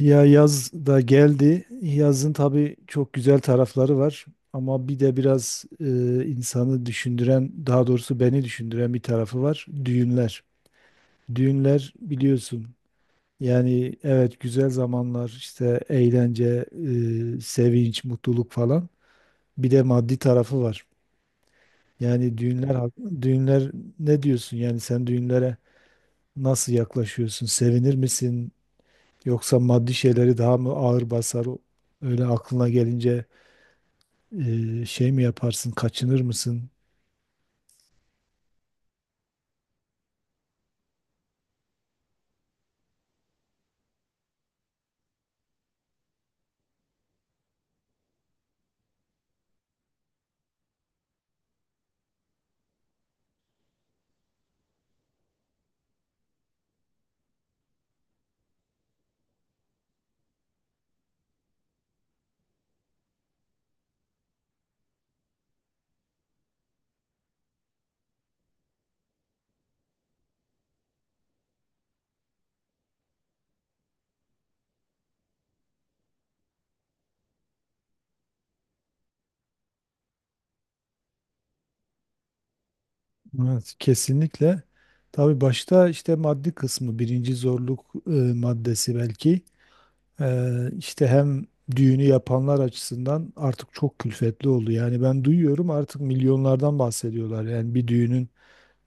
Ya yaz da geldi. Yazın tabii çok güzel tarafları var. Ama bir de biraz insanı düşündüren, daha doğrusu beni düşündüren bir tarafı var. Düğünler. Düğünler biliyorsun. Yani evet güzel zamanlar, işte eğlence, sevinç, mutluluk falan. Bir de maddi tarafı var. Yani düğünler ne diyorsun? Yani sen düğünlere nasıl yaklaşıyorsun? Sevinir misin? Yoksa maddi şeyleri daha mı ağır basar? Öyle aklına gelince şey mi yaparsın, kaçınır mısın? Evet, kesinlikle. Tabii başta işte maddi kısmı, birinci zorluk maddesi belki. E, işte hem düğünü yapanlar açısından artık çok külfetli oldu. Yani ben duyuyorum artık milyonlardan bahsediyorlar. Yani bir düğünün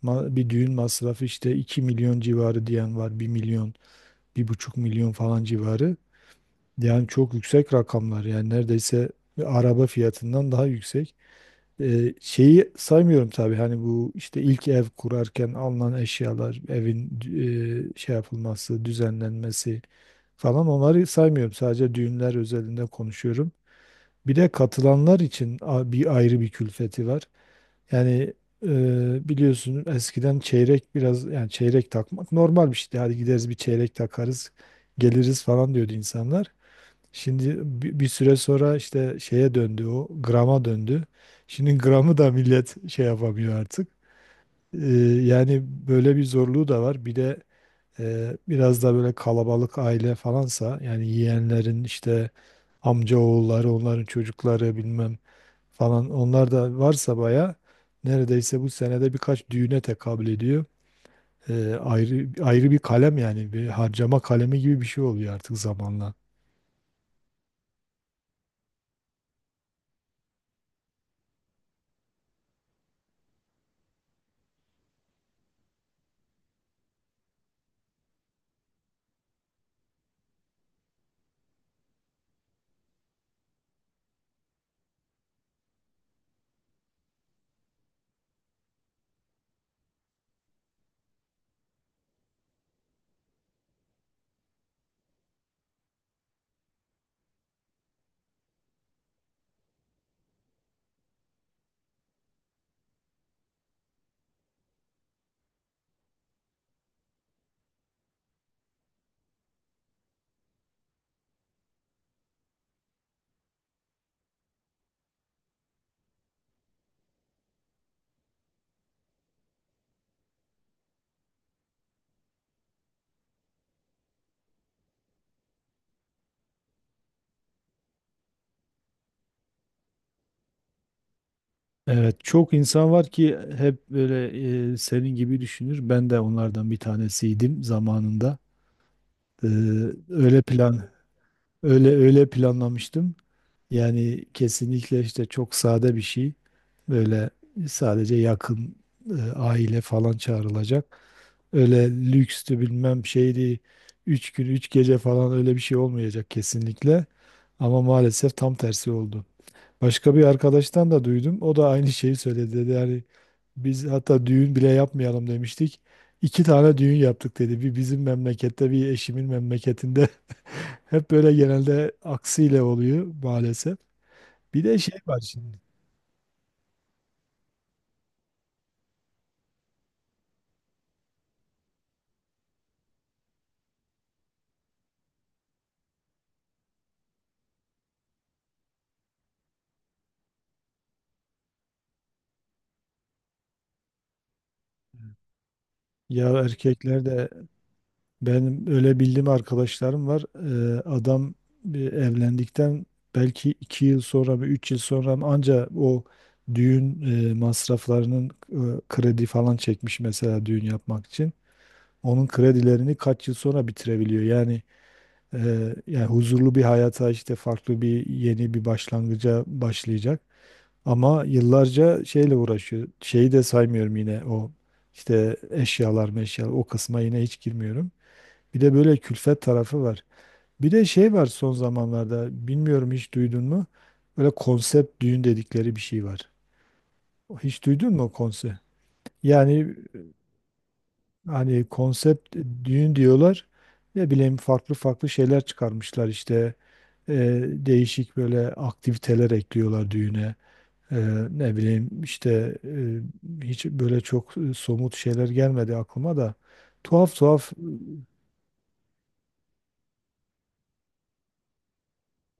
ma- bir düğün masrafı işte 2 milyon civarı diyen var, 1 milyon, 1,5 milyon falan civarı. Yani çok yüksek rakamlar, yani neredeyse bir araba fiyatından daha yüksek. Şeyi saymıyorum tabii, hani bu işte ilk ev kurarken alınan eşyalar, evin şey yapılması, düzenlenmesi falan, onları saymıyorum. Sadece düğünler özelinde konuşuyorum. Bir de katılanlar için bir ayrı bir külfeti var. Yani biliyorsun, eskiden çeyrek biraz, yani çeyrek takmak normal bir şeydi. Hadi gideriz bir çeyrek takarız, geliriz falan diyordu insanlar. Şimdi bir süre sonra işte şeye döndü, o grama döndü. Şimdi gramı da millet şey yapamıyor artık. Ee, yani böyle bir zorluğu da var. Bir de biraz da böyle kalabalık aile falansa, yani yeğenlerin işte amca oğulları, onların çocukları, bilmem falan onlar da varsa baya neredeyse bu senede birkaç düğüne tekabül ediyor. Ayrı ayrı bir kalem, yani bir harcama kalemi gibi bir şey oluyor artık zamanla. Evet, çok insan var ki hep böyle senin gibi düşünür. Ben de onlardan bir tanesiydim zamanında. Ee, öyle plan öyle öyle planlamıştım. Yani kesinlikle işte çok sade bir şey. Böyle sadece yakın aile falan çağrılacak. Öyle lükstü, bilmem şeydi. 3 gün, 3 gece falan öyle bir şey olmayacak kesinlikle. Ama maalesef tam tersi oldu. Başka bir arkadaştan da duydum. O da aynı şeyi söyledi, dedi. Yani biz hatta düğün bile yapmayalım demiştik. 2 tane düğün yaptık dedi. Bir bizim memlekette, bir eşimin memleketinde. Hep böyle genelde aksiyle oluyor maalesef. Bir de şey var şimdi. Ya erkeklerde. Benim öyle bildiğim arkadaşlarım var. Adam evlendikten belki 2 yıl sonra mı, 3 yıl sonra mı anca o düğün masraflarının kredi falan çekmiş mesela düğün yapmak için. Onun kredilerini kaç yıl sonra bitirebiliyor. Yani huzurlu bir hayata, işte farklı bir, yeni bir başlangıca başlayacak. Ama yıllarca şeyle uğraşıyor. Şeyi de saymıyorum yine, o işte eşyalar meşyalar, o kısma yine hiç girmiyorum. Bir de böyle külfet tarafı var. Bir de şey var son zamanlarda, bilmiyorum hiç duydun mu? Böyle konsept düğün dedikleri bir şey var. Hiç duydun mu o konsept? Yani hani konsept düğün diyorlar. Ne bileyim farklı farklı şeyler çıkarmışlar işte. Değişik böyle aktiviteler ekliyorlar düğüne. E, ne bileyim işte, hiç böyle çok somut şeyler gelmedi aklıma da. Tuhaf tuhaf.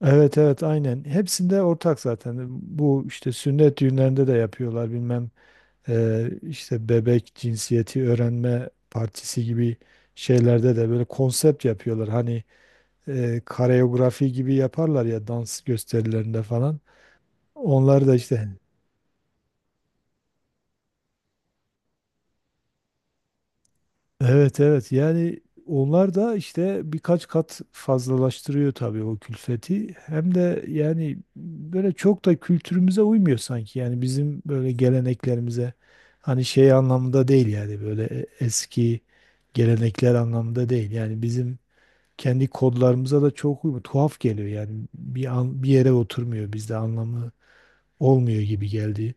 Evet, evet, aynen. Hepsinde ortak zaten. Bu işte sünnet düğünlerinde de yapıyorlar, bilmem işte bebek cinsiyeti öğrenme partisi gibi şeylerde de böyle konsept yapıyorlar. Hani kareografi gibi yaparlar ya, dans gösterilerinde falan. Onlar da işte. Evet, evet, yani onlar da işte birkaç kat fazlalaştırıyor tabii o külfeti. Hem de yani böyle çok da kültürümüze uymuyor sanki, yani bizim böyle geleneklerimize. Hani şey anlamında değil, yani böyle eski gelenekler anlamında değil. Yani bizim kendi kodlarımıza da çok uymuyor. Tuhaf geliyor yani bir an, bir yere oturmuyor, bizde anlamı olmuyor gibi geldi.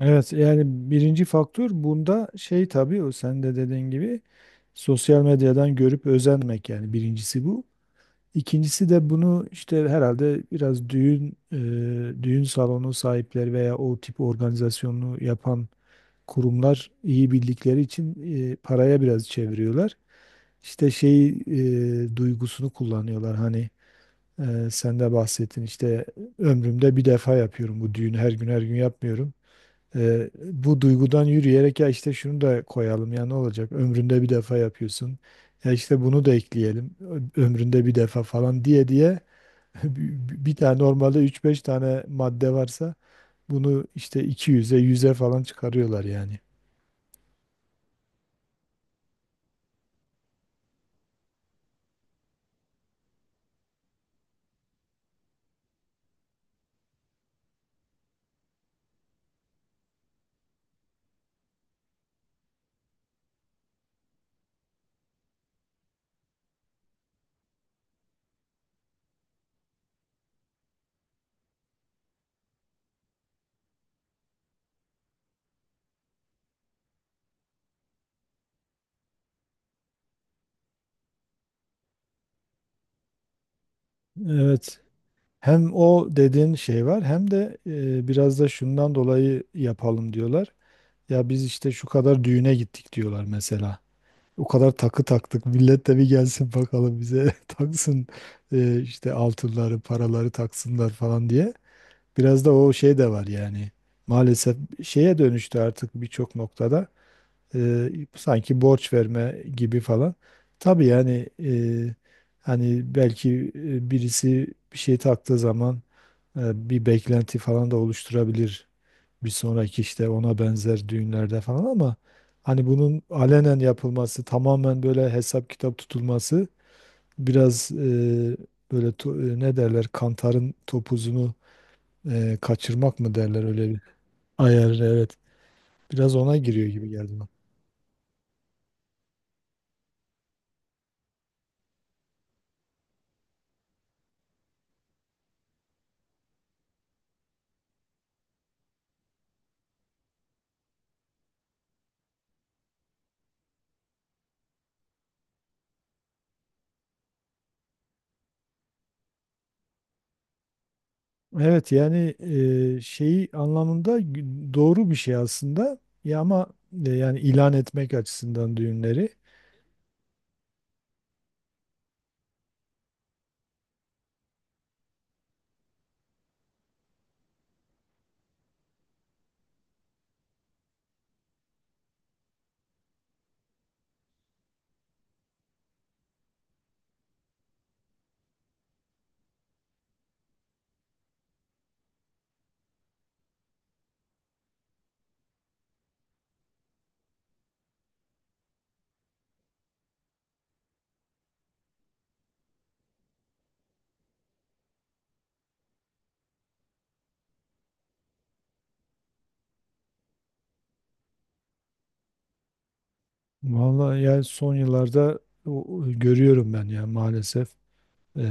Evet yani birinci faktör bunda şey, tabii o sen de dediğin gibi sosyal medyadan görüp özenmek, yani birincisi bu. İkincisi de bunu işte herhalde biraz düğün salonu sahipleri veya o tip organizasyonu yapan kurumlar iyi bildikleri için paraya biraz çeviriyorlar. İşte şey, duygusunu kullanıyorlar, hani sen de bahsettin işte ömrümde bir defa yapıyorum bu düğünü, her gün her gün yapmıyorum. Bu duygudan yürüyerek, ya işte şunu da koyalım, ya ne olacak ömründe bir defa yapıyorsun, ya işte bunu da ekleyelim, ömründe bir defa falan diye diye, bir tane normalde üç beş tane madde varsa bunu işte iki yüze falan çıkarıyorlar yani. Evet. Hem o dediğin şey var, hem de biraz da şundan dolayı yapalım diyorlar. Ya biz işte şu kadar düğüne gittik diyorlar mesela. O kadar takı taktık. Millet de bir gelsin bakalım bize taksın, işte altınları, paraları taksınlar falan diye. Biraz da o şey de var yani. Maalesef şeye dönüştü artık birçok noktada. E, sanki borç verme gibi falan. Tabii yani hani belki birisi bir şey taktığı zaman bir beklenti falan da oluşturabilir bir sonraki işte ona benzer düğünlerde falan. Ama hani bunun alenen yapılması, tamamen böyle hesap kitap tutulması, biraz böyle ne derler, kantarın topuzunu kaçırmak mı derler, öyle bir ayar, evet, biraz ona giriyor gibi geldi bana. Evet yani şeyi anlamında doğru bir şey aslında ya, ama yani ilan etmek açısından düğünleri. Vallahi yani son yıllarda o görüyorum ben ya, maalesef. Ee,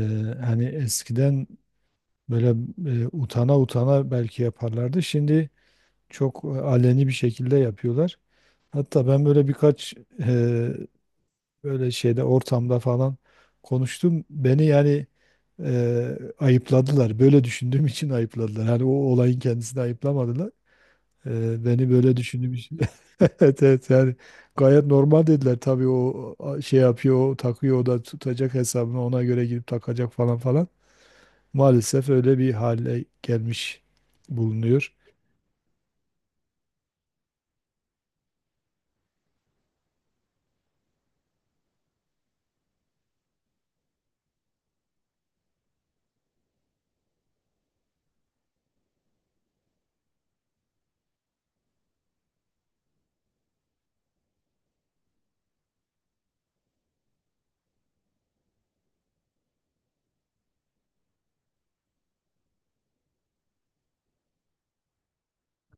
hani eskiden böyle utana utana belki yaparlardı. Şimdi çok aleni bir şekilde yapıyorlar. Hatta ben böyle birkaç e, böyle şeyde, ortamda falan konuştum. Beni yani ayıpladılar. Böyle düşündüğüm için ayıpladılar. Hani o olayın kendisini ayıplamadılar. Beni böyle düşündüğüm için. Evet, evet, yani gayet normal dediler. Tabii o şey yapıyor, o takıyor, o da tutacak hesabını ona göre girip takacak falan falan. Maalesef öyle bir hale gelmiş bulunuyor.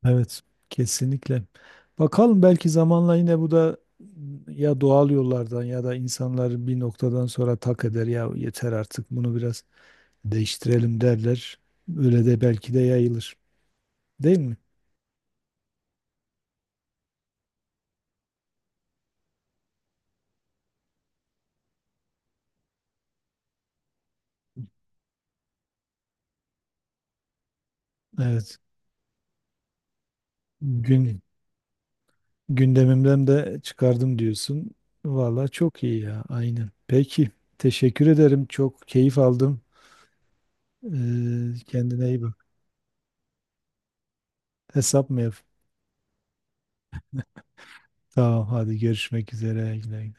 Evet, kesinlikle. Bakalım belki zamanla yine bu da ya doğal yollardan ya da insanlar bir noktadan sonra tak eder ya, yeter artık, bunu biraz değiştirelim derler. Öyle de belki de yayılır. Değil mi? Evet. Gün Gündemimden de çıkardım diyorsun. Valla çok iyi ya, aynen. Peki, teşekkür ederim. Çok keyif aldım. Kendine iyi bak. Hesap mı yap? Tamam, hadi görüşmek üzere. Güle güle.